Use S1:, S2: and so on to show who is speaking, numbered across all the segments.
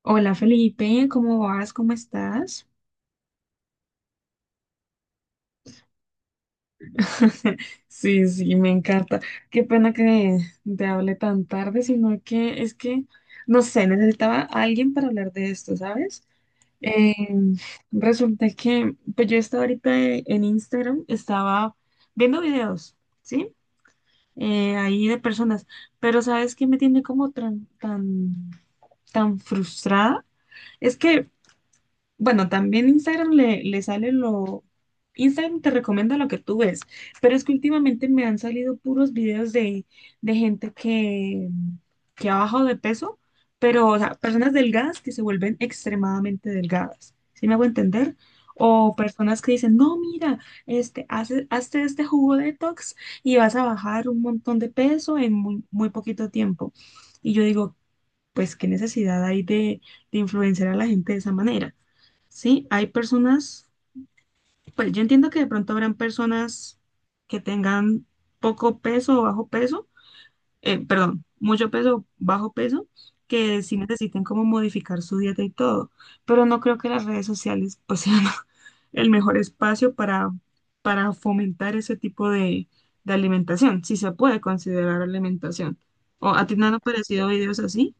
S1: Hola Felipe, ¿cómo vas? ¿Cómo estás? Sí, sí, me encanta. Qué pena que te hable tan tarde, sino que es que, no sé, necesitaba a alguien para hablar de esto, ¿sabes? Eh, Resulta que, pues yo estaba ahorita en Instagram, estaba viendo videos, ¿sí? Ahí de personas, pero ¿sabes qué me tiene como tan, tan, tan frustrada? Es que Bueno, también Instagram le sale Instagram te recomienda lo que tú ves, pero es que últimamente me han salido puros videos de gente que ha bajado de peso, pero, o sea, personas delgadas que se vuelven extremadamente delgadas, ¿sí me hago entender? O personas que dicen, no, mira, hazte este jugo detox y vas a bajar un montón de peso en muy, muy poquito tiempo. Y yo digo, pues, ¿qué necesidad hay de influenciar a la gente de esa manera? Sí, hay personas, pues yo entiendo que de pronto habrán personas que tengan poco peso o bajo peso, perdón, mucho peso o bajo peso, que sí necesiten como modificar su dieta y todo, pero no creo que las redes sociales pues sean el mejor espacio para fomentar ese tipo de alimentación, si se puede considerar alimentación. ¿O a ti no han aparecido videos así?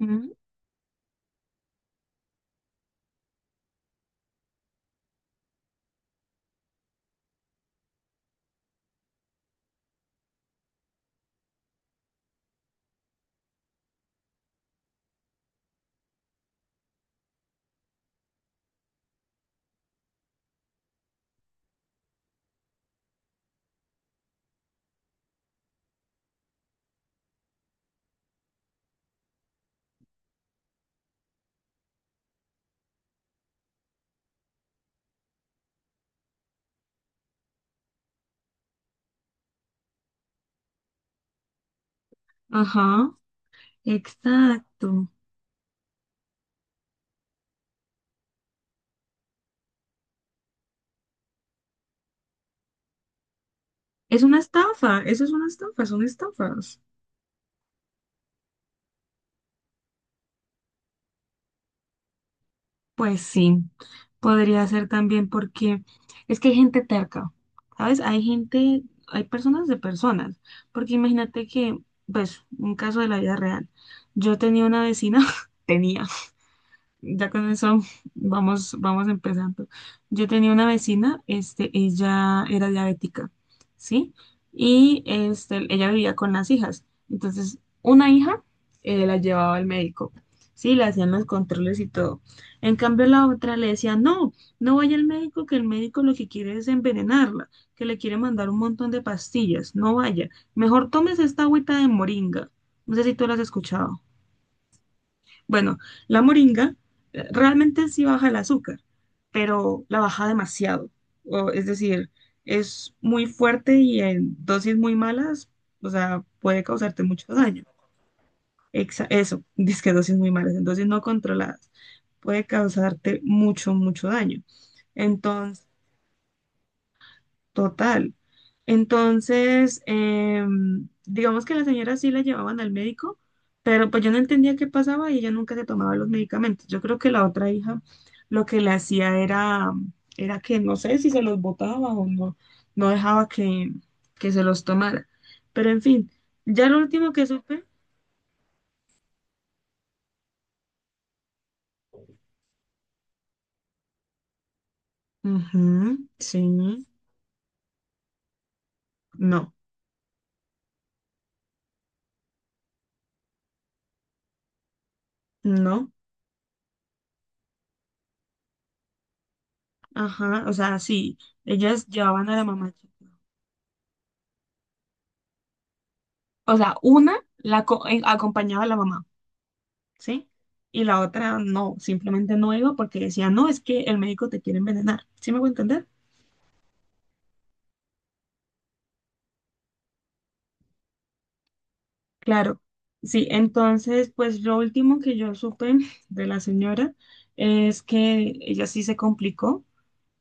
S1: Ujú. Ajá, exacto. Es una estafa, eso es una estafa, son estafas. Pues sí, podría ser también porque es que hay gente terca, ¿sabes? Hay gente, hay personas de personas, porque imagínate que, pues, un caso de la vida real. Yo tenía una vecina, tenía. Ya con eso vamos, vamos empezando. Yo tenía una vecina, este, ella era diabética, ¿sí? Y este, ella vivía con las hijas. Entonces, una hija la llevaba al médico, ¿sí? Le hacían los controles y todo. En cambio, la otra le decía, no, no vaya al médico, que el médico lo que quiere es envenenarla, que le quiere mandar un montón de pastillas, no vaya. Mejor tomes esta agüita de moringa. No sé si tú la has escuchado. Bueno, la moringa realmente sí baja el azúcar, pero la baja demasiado. O, es decir, es muy fuerte y en dosis muy malas, o sea, puede causarte mucho daño. Eso, que dosis muy malas, en dosis no controladas, puede causarte mucho, mucho daño. Entonces, Total. Entonces, digamos que la señora sí la llevaban al médico, pero pues yo no entendía qué pasaba y ella nunca se tomaba los medicamentos. Yo creo que la otra hija lo que le hacía era que no sé si se los botaba o no, no dejaba que se los tomara. Pero en fin, ya lo último que supe, ujú, sí. No, no. Ajá, o sea, sí, ellas llevaban a la mamá. O sea, una acompañaba a la mamá. ¿Sí? Y la otra no, simplemente no iba porque decía, no, es que el médico te quiere envenenar. ¿Sí me voy a entender? Claro. Sí, entonces, pues lo último que yo supe de la señora es que ella sí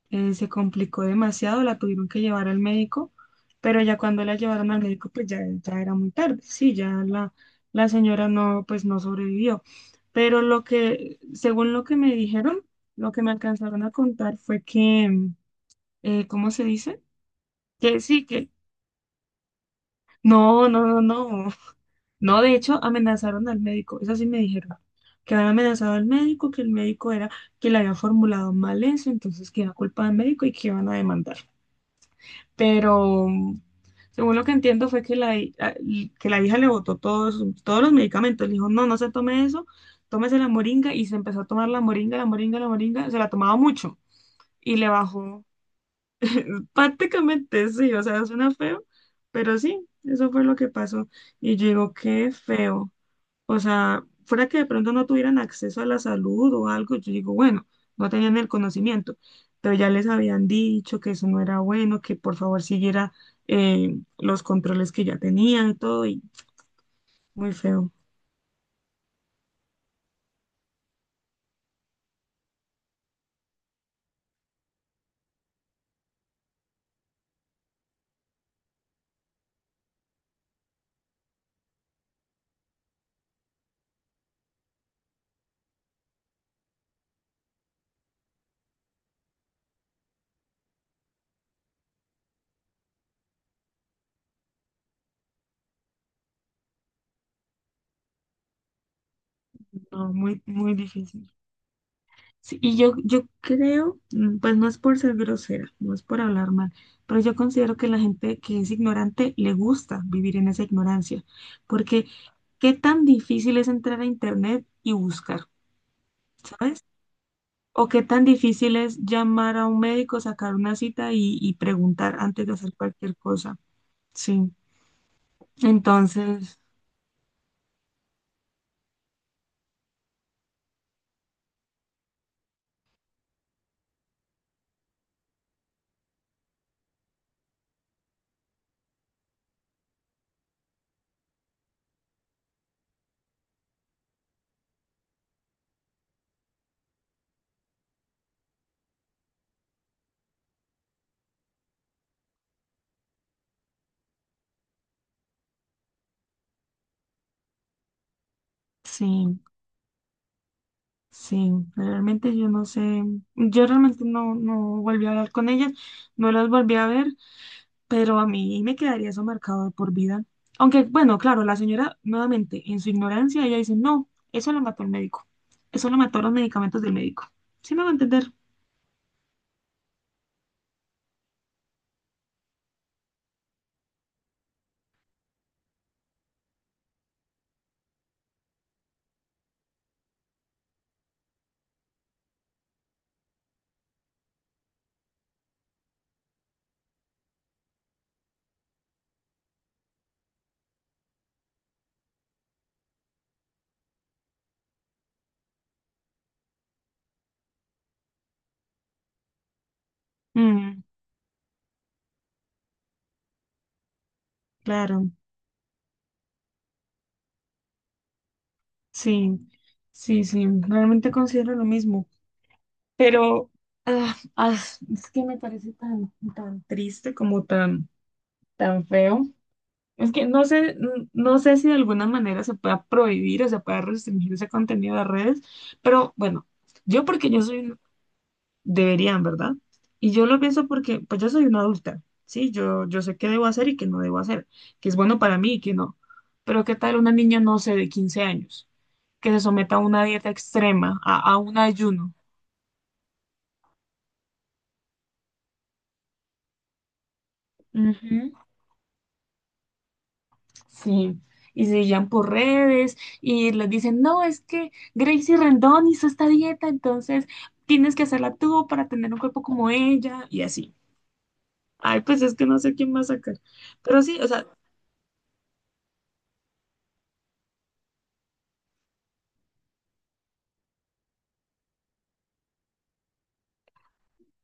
S1: se complicó demasiado, la tuvieron que llevar al médico, pero ya cuando la llevaron al médico, pues ya, ya era muy tarde, sí, la señora no, pues no sobrevivió. Pero lo que, según lo que me dijeron, lo que me alcanzaron a contar fue que, ¿cómo se dice? Que sí, que no, no, no, no. No, de hecho, amenazaron al médico. Eso sí me dijeron. Que habían amenazado al médico, que el médico era, que le había formulado mal eso, entonces que era culpa del médico y que iban a demandar. Pero según lo que entiendo fue que la, hi- a- y- que la hija le botó todos los medicamentos. Le dijo, no, no se tome eso, tómese la moringa. Y se empezó a tomar la moringa, la moringa, la moringa. Se la tomaba mucho y le bajó. Prácticamente sí, o sea, suena feo, pero sí, eso fue lo que pasó. Y yo digo, qué feo. O sea, fuera que de pronto no tuvieran acceso a la salud o algo, yo digo, bueno, no tenían el conocimiento, pero ya les habían dicho que eso no era bueno, que por favor siguiera los controles que ya tenían y todo, y muy feo. No, muy, muy difícil. Sí, yo creo, pues no es por ser grosera, no es por hablar mal, pero yo considero que la gente que es ignorante le gusta vivir en esa ignorancia, porque qué tan difícil es entrar a internet y buscar, ¿sabes? O qué tan difícil es llamar a un médico, sacar una cita y preguntar antes de hacer cualquier cosa. Sí, entonces, sí, sí, realmente yo no sé, yo realmente no, no volví a hablar con ellas, no las volví a ver. Pero a mí me quedaría eso marcado de por vida. Aunque, bueno, claro, la señora, nuevamente, en su ignorancia, ella dice, no, eso lo mató el médico. Eso lo mató los medicamentos del médico. ¿Sí me va a entender? Mm, claro, sí, sí, sí, realmente considero lo mismo. Pero ah, ah, es que me parece tan, tan triste como tan, tan feo. Es que no sé, no sé si de alguna manera se pueda prohibir o se pueda restringir ese contenido de redes, pero bueno, yo porque yo soy. Deberían, ¿verdad? Y yo lo pienso porque, pues yo soy una adulta, ¿sí? Yo sé qué debo hacer y qué no debo hacer, qué es bueno para mí y qué no. Pero ¿qué tal una niña, no sé, de 15 años, que se someta a una dieta extrema, a un ayuno? Ujú. Sí. Y se guían por redes y les dicen, no, es que Gracie Rendón hizo esta dieta, entonces tienes que hacerla tú para tener un cuerpo como ella y así. Ay, pues es que no sé quién va a sacar. Pero sí, o sea,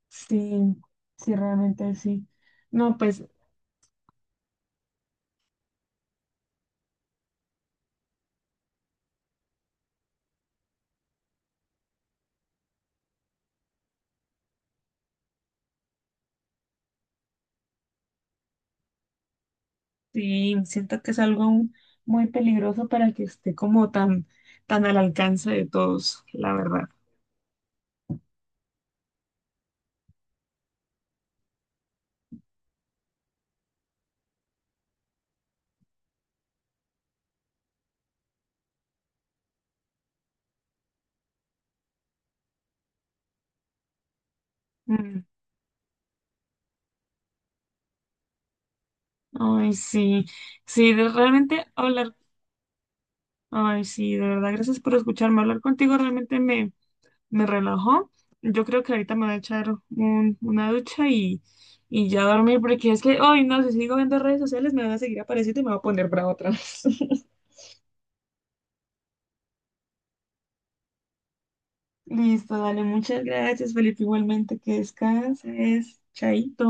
S1: sí, sí, realmente sí. No, pues sí, siento que es algo aún muy peligroso para que esté como tan, tan al alcance de todos, la verdad. Mm. Ay, sí, sí, realmente hablar, ay, sí, de verdad, gracias por escucharme. Hablar contigo realmente me, me relajó. Yo creo que ahorita me voy a echar una ducha y ya dormir, porque es que, ay, no, si sigo viendo redes sociales me van a seguir apareciendo y me voy a poner bravo otra vez. Listo, dale, muchas gracias, Felipe. Igualmente, que descanses. Chaito.